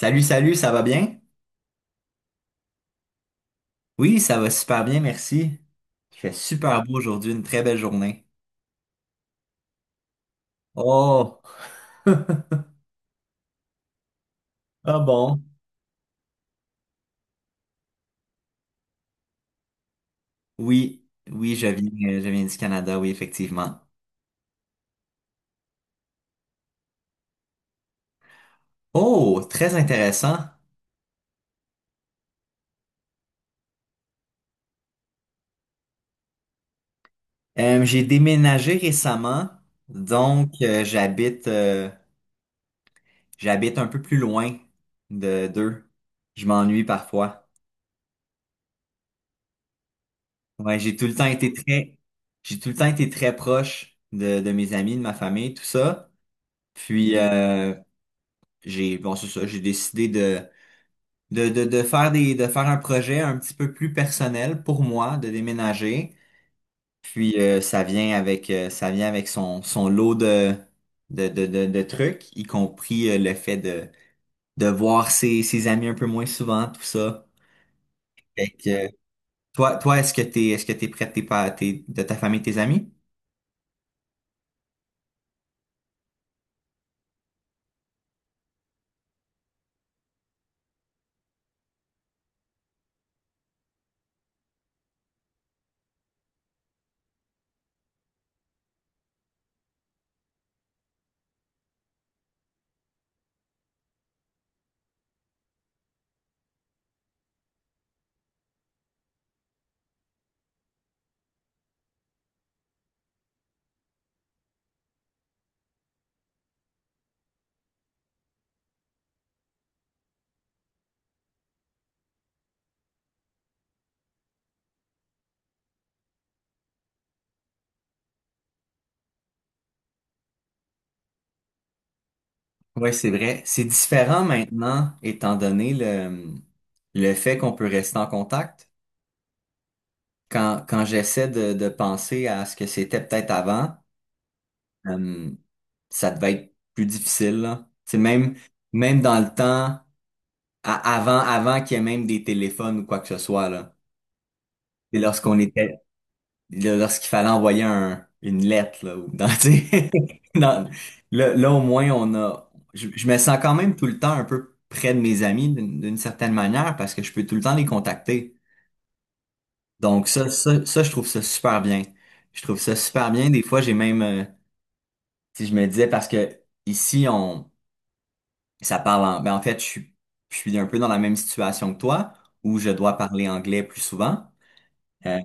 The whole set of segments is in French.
Salut, salut, ça va bien? Oui, ça va super bien, merci. Il fait super beau aujourd'hui, une très belle journée. Oh, ah bon? Oui, oui, je viens du Canada, oui, effectivement. Oh, très intéressant. J'ai déménagé récemment, donc j'habite un peu plus loin de d'eux. Je m'ennuie parfois. Ouais, j'ai tout le temps été très proche de mes amis, de ma famille, tout ça. Puis J'ai, bon, c'est ça, j'ai décidé de faire un projet un petit peu plus personnel pour moi, de déménager. Puis ça vient avec son, son lot de trucs, y compris le fait de voir ses, ses amis un peu moins souvent, tout ça. Fait que, euh, toi, est-ce que t'es prêt de tes, pa- tes- de ta famille, tes amis? Ouais, c'est vrai. C'est différent maintenant, étant donné le fait qu'on peut rester en contact. Quand j'essaie de penser à ce que c'était peut-être avant, euh, ça devait être plus difficile, là. Même dans le temps, avant qu'il y ait même des téléphones ou quoi que ce soit, là. C'est lorsqu'on était, lorsqu'il fallait envoyer une lettre, là, ou dans, tu sais, dans- là, là, au moins, je me sens quand même tout le temps un peu près de mes amis d'une certaine manière parce que je peux tout le temps les contacter. Donc je trouve ça super bien. Je trouve ça super bien. Des fois, j'ai même, si je me disais, parce que ici, ça parle en, ben en fait, je suis un peu dans la même situation que toi, où je dois parler anglais plus souvent. Euh,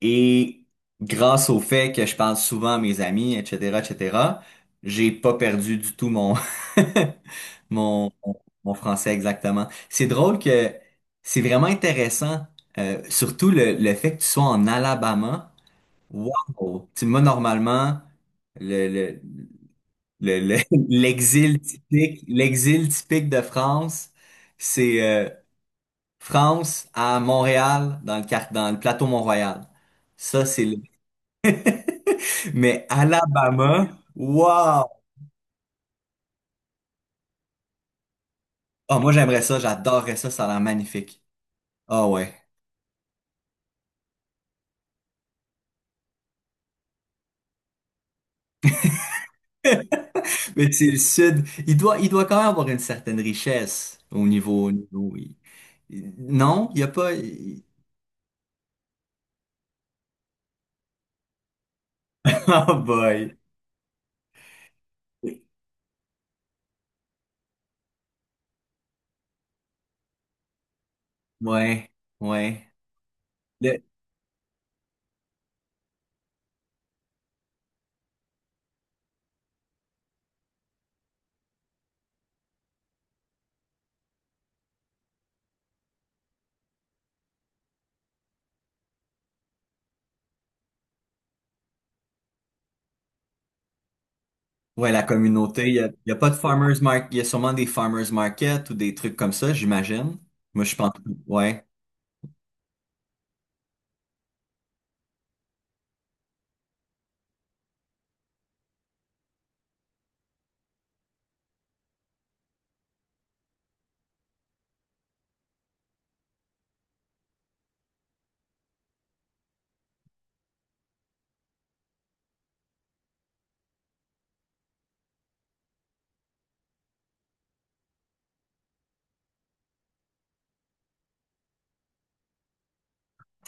et grâce au fait que je parle souvent à mes amis, etc., etc., j'ai pas perdu du tout mon, mon, mon français, exactement. C'est drôle que c'est vraiment intéressant, surtout le fait que tu sois en Alabama. Wow! Tu sais, moi, normalement, le, le, le- le- l'exil typique de France, c'est France à Montréal, dans dans le plateau Mont-Royal. Ça, c'est le... Mais Alabama, wow! Ah, moi, j'aimerais ça, j'adorerais ça, ça a l'air magnifique. Ah ouais. Mais c'est le sud. Il doit quand même avoir une certaine richesse au niveau... Non, il n'y a pas... Oh boy! Ouais, ouais. Le- ouais, la communauté, il y a pas de farmers market. Il y a sûrement des farmers market ou des trucs comme ça, j'imagine. Moi, je pense, ouais.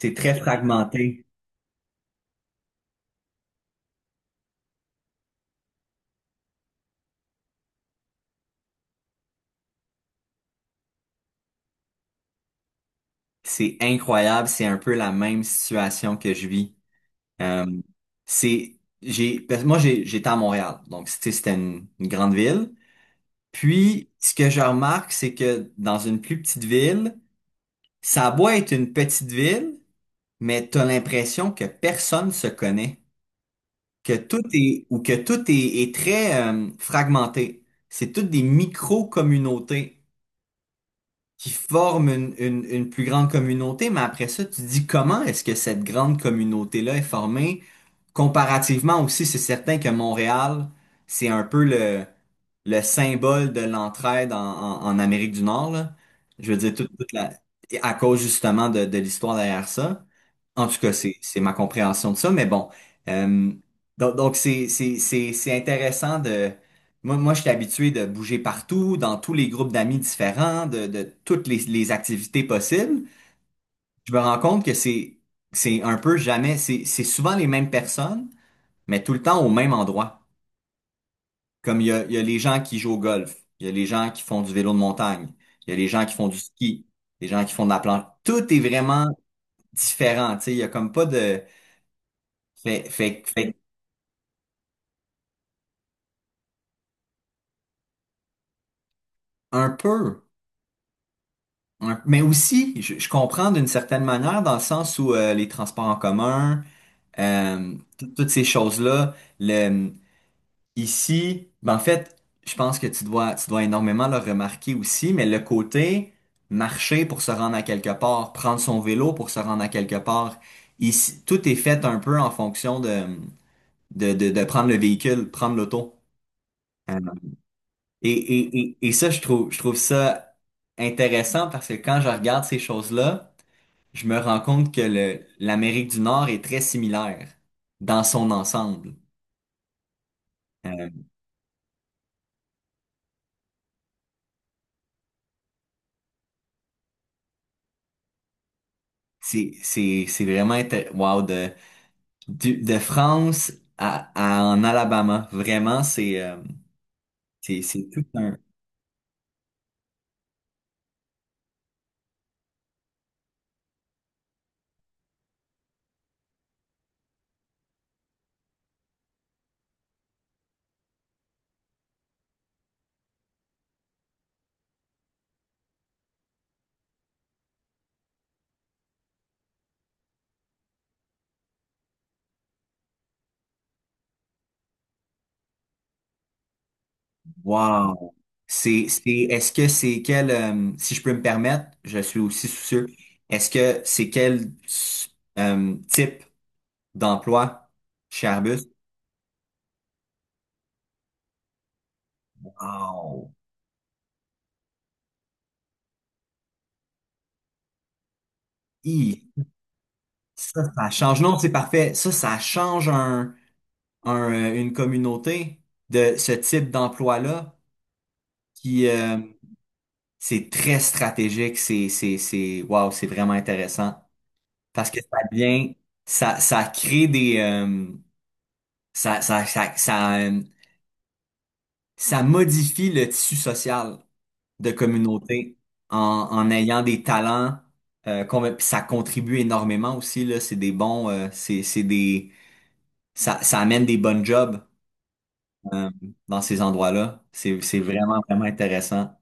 C'est très fragmenté. C'est incroyable. C'est un peu la même situation que je vis. Euh, parce que moi, j'ai, j'étais à Montréal. Donc, c'était une grande ville. Puis, ce que je remarque, c'est que dans une plus petite ville, ça a beau être une petite ville, mais t'as l'impression que personne se connaît, que tout est, est très fragmenté. C'est toutes des micro-communautés qui forment une plus grande communauté, mais après ça, tu te dis comment est-ce que cette grande communauté-là est formée? Comparativement aussi, c'est certain que Montréal, c'est un peu le symbole de l'entraide en Amérique du Nord, là. Je veux dire, à cause justement de l'histoire derrière ça. En tout cas, c'est ma compréhension de ça, mais bon. Euh, donc c'est intéressant de... Moi, je suis habitué de bouger partout, dans tous les groupes d'amis différents, de toutes les activités possibles. Je me rends compte que c'est un peu jamais... c'est souvent les mêmes personnes mais tout le temps au même endroit. Comme il y a les gens qui jouent au golf, il y a les gens qui font du vélo de montagne, il y a les gens qui font du ski, les gens qui font de la planche. Tout est vraiment différent, tu sais, il y a comme pas de... Fait un peu, mais aussi, je comprends d'une certaine manière dans le sens où les transports en commun, toutes ces choses-là, ici, ben en fait, je pense que tu dois énormément le remarquer aussi, mais le côté marcher pour se rendre à quelque part, prendre son vélo pour se rendre à quelque part, ici, tout est fait un peu en fonction de prendre le véhicule, prendre l'auto. Euh, et ça, je trouve ça intéressant parce que quand je regarde ces choses-là, je me rends compte que l'Amérique du Nord est très similaire dans son ensemble. Euh, c'est vraiment intéressant, de France en Alabama. Vraiment, c'est c'est tout un wow. C'est est-ce que c'est quel, si je peux me permettre, je suis aussi soucieux. Est-ce que c'est quel, type d'emploi chez Arbus? Wow. Hi. Ça change. Non, c'est parfait. Ça change une communauté de ce type d'emploi-là qui, c'est très stratégique, wow, c'est vraiment intéressant. Parce que ça vient, ça crée des, ça, ça, ça, ça, euh, ça modifie le tissu social de communauté en, en ayant des talents, puis ça contribue énormément aussi, là, c'est des bons, c'est des, ça amène des bonnes jobs, euh, dans ces endroits-là. C'est vraiment, vraiment intéressant.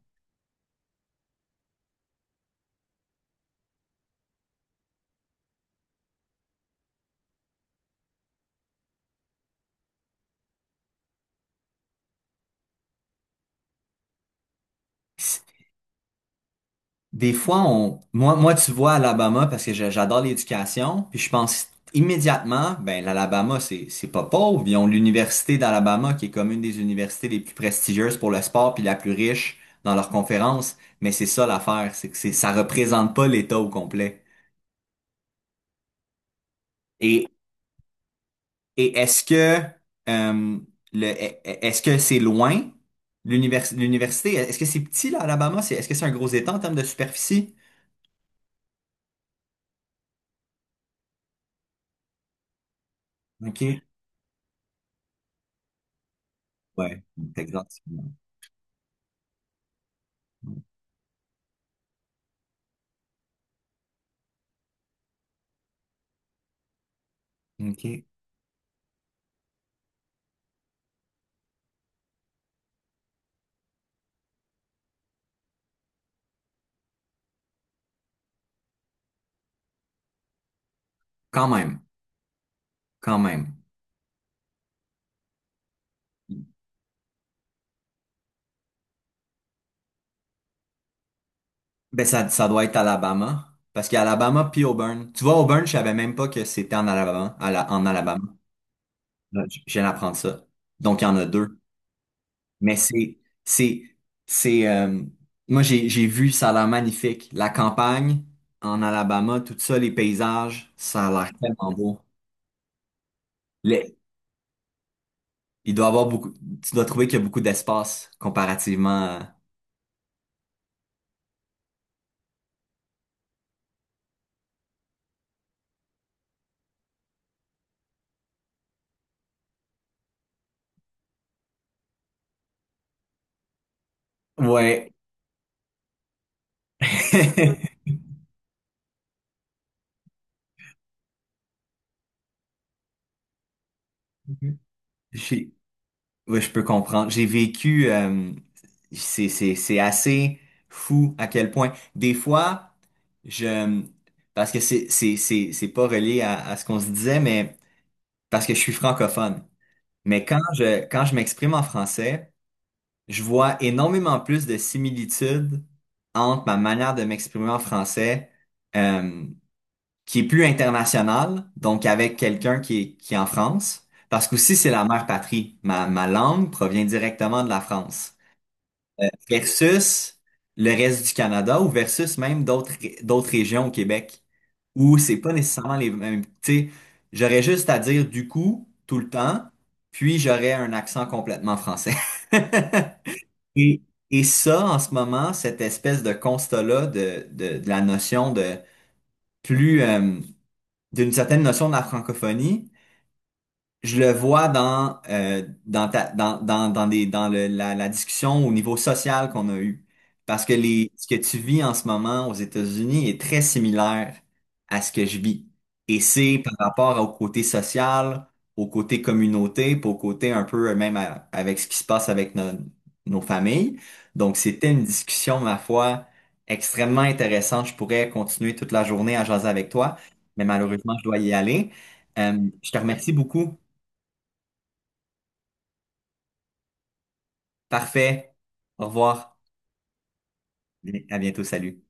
Des fois, tu vois Alabama, parce que j'adore l'éducation, puis je pense immédiatement, ben l'Alabama, c'est pas pauvre. Ils ont l'université d'Alabama qui est comme une des universités les plus prestigieuses pour le sport, puis la plus riche dans leurs conférences. Mais c'est ça l'affaire, c'est que c'est ça représente pas l'État au complet. Et et est-ce que, euh, le est- est-ce que c'est loin l'université? Est-ce que c'est petit là, Alabama? C'est Est-ce que c'est un gros État en termes de superficie? Ok. Ouais, exactement. Ok. Quand même, quand même. Ben ça doit être Alabama, parce qu'il y a Alabama puis Auburn. Tu vois, Auburn, je savais même pas que c'était en Alabama, en Alabama. Là, je viens d'apprendre ça. Donc il y en a deux. Mais c'est, c'est. Euh, moi j'ai vu, ça a l'air magnifique. La campagne en Alabama, tout ça, les paysages, ça a l'air tellement beau. Les- il doit avoir beaucoup. Tu dois trouver qu'il y a beaucoup d'espace comparativement. Ouais. J'ai- Oui, je peux comprendre. J'ai vécu, c'est assez fou à quel point. Des fois, je, parce que c'est pas relié à ce qu'on se disait, mais parce que je suis francophone. Mais quand je m'exprime en français, je vois énormément plus de similitudes entre ma manière de m'exprimer en français, euh, qui est plus international, donc avec quelqu'un qui est en France, parce qu'aussi c'est la mère patrie. Ma langue provient directement de la France, versus le reste du Canada ou versus même d'autres régions au Québec, où c'est pas nécessairement les mêmes. Tu sais, j'aurais juste à dire du coup tout le temps, puis j'aurais un accent complètement français. Et, et ça, en ce moment, cette espèce de constat-là de la notion de plus d'une certaine notion de la francophonie. Je le vois dans, dans, ta- dans, dans, dans, des, dans le- la discussion au niveau social qu'on a eue. Parce que ce que tu vis en ce moment aux États-Unis est très similaire à ce que je vis. Et c'est par rapport au côté social, au côté communauté, puis au côté un peu avec ce qui se passe avec nos familles. Donc, c'était une discussion, ma foi, extrêmement intéressante. Je pourrais continuer toute la journée à jaser avec toi, mais malheureusement, je dois y aller. Je te remercie beaucoup. Parfait. Au revoir. À bientôt. Salut.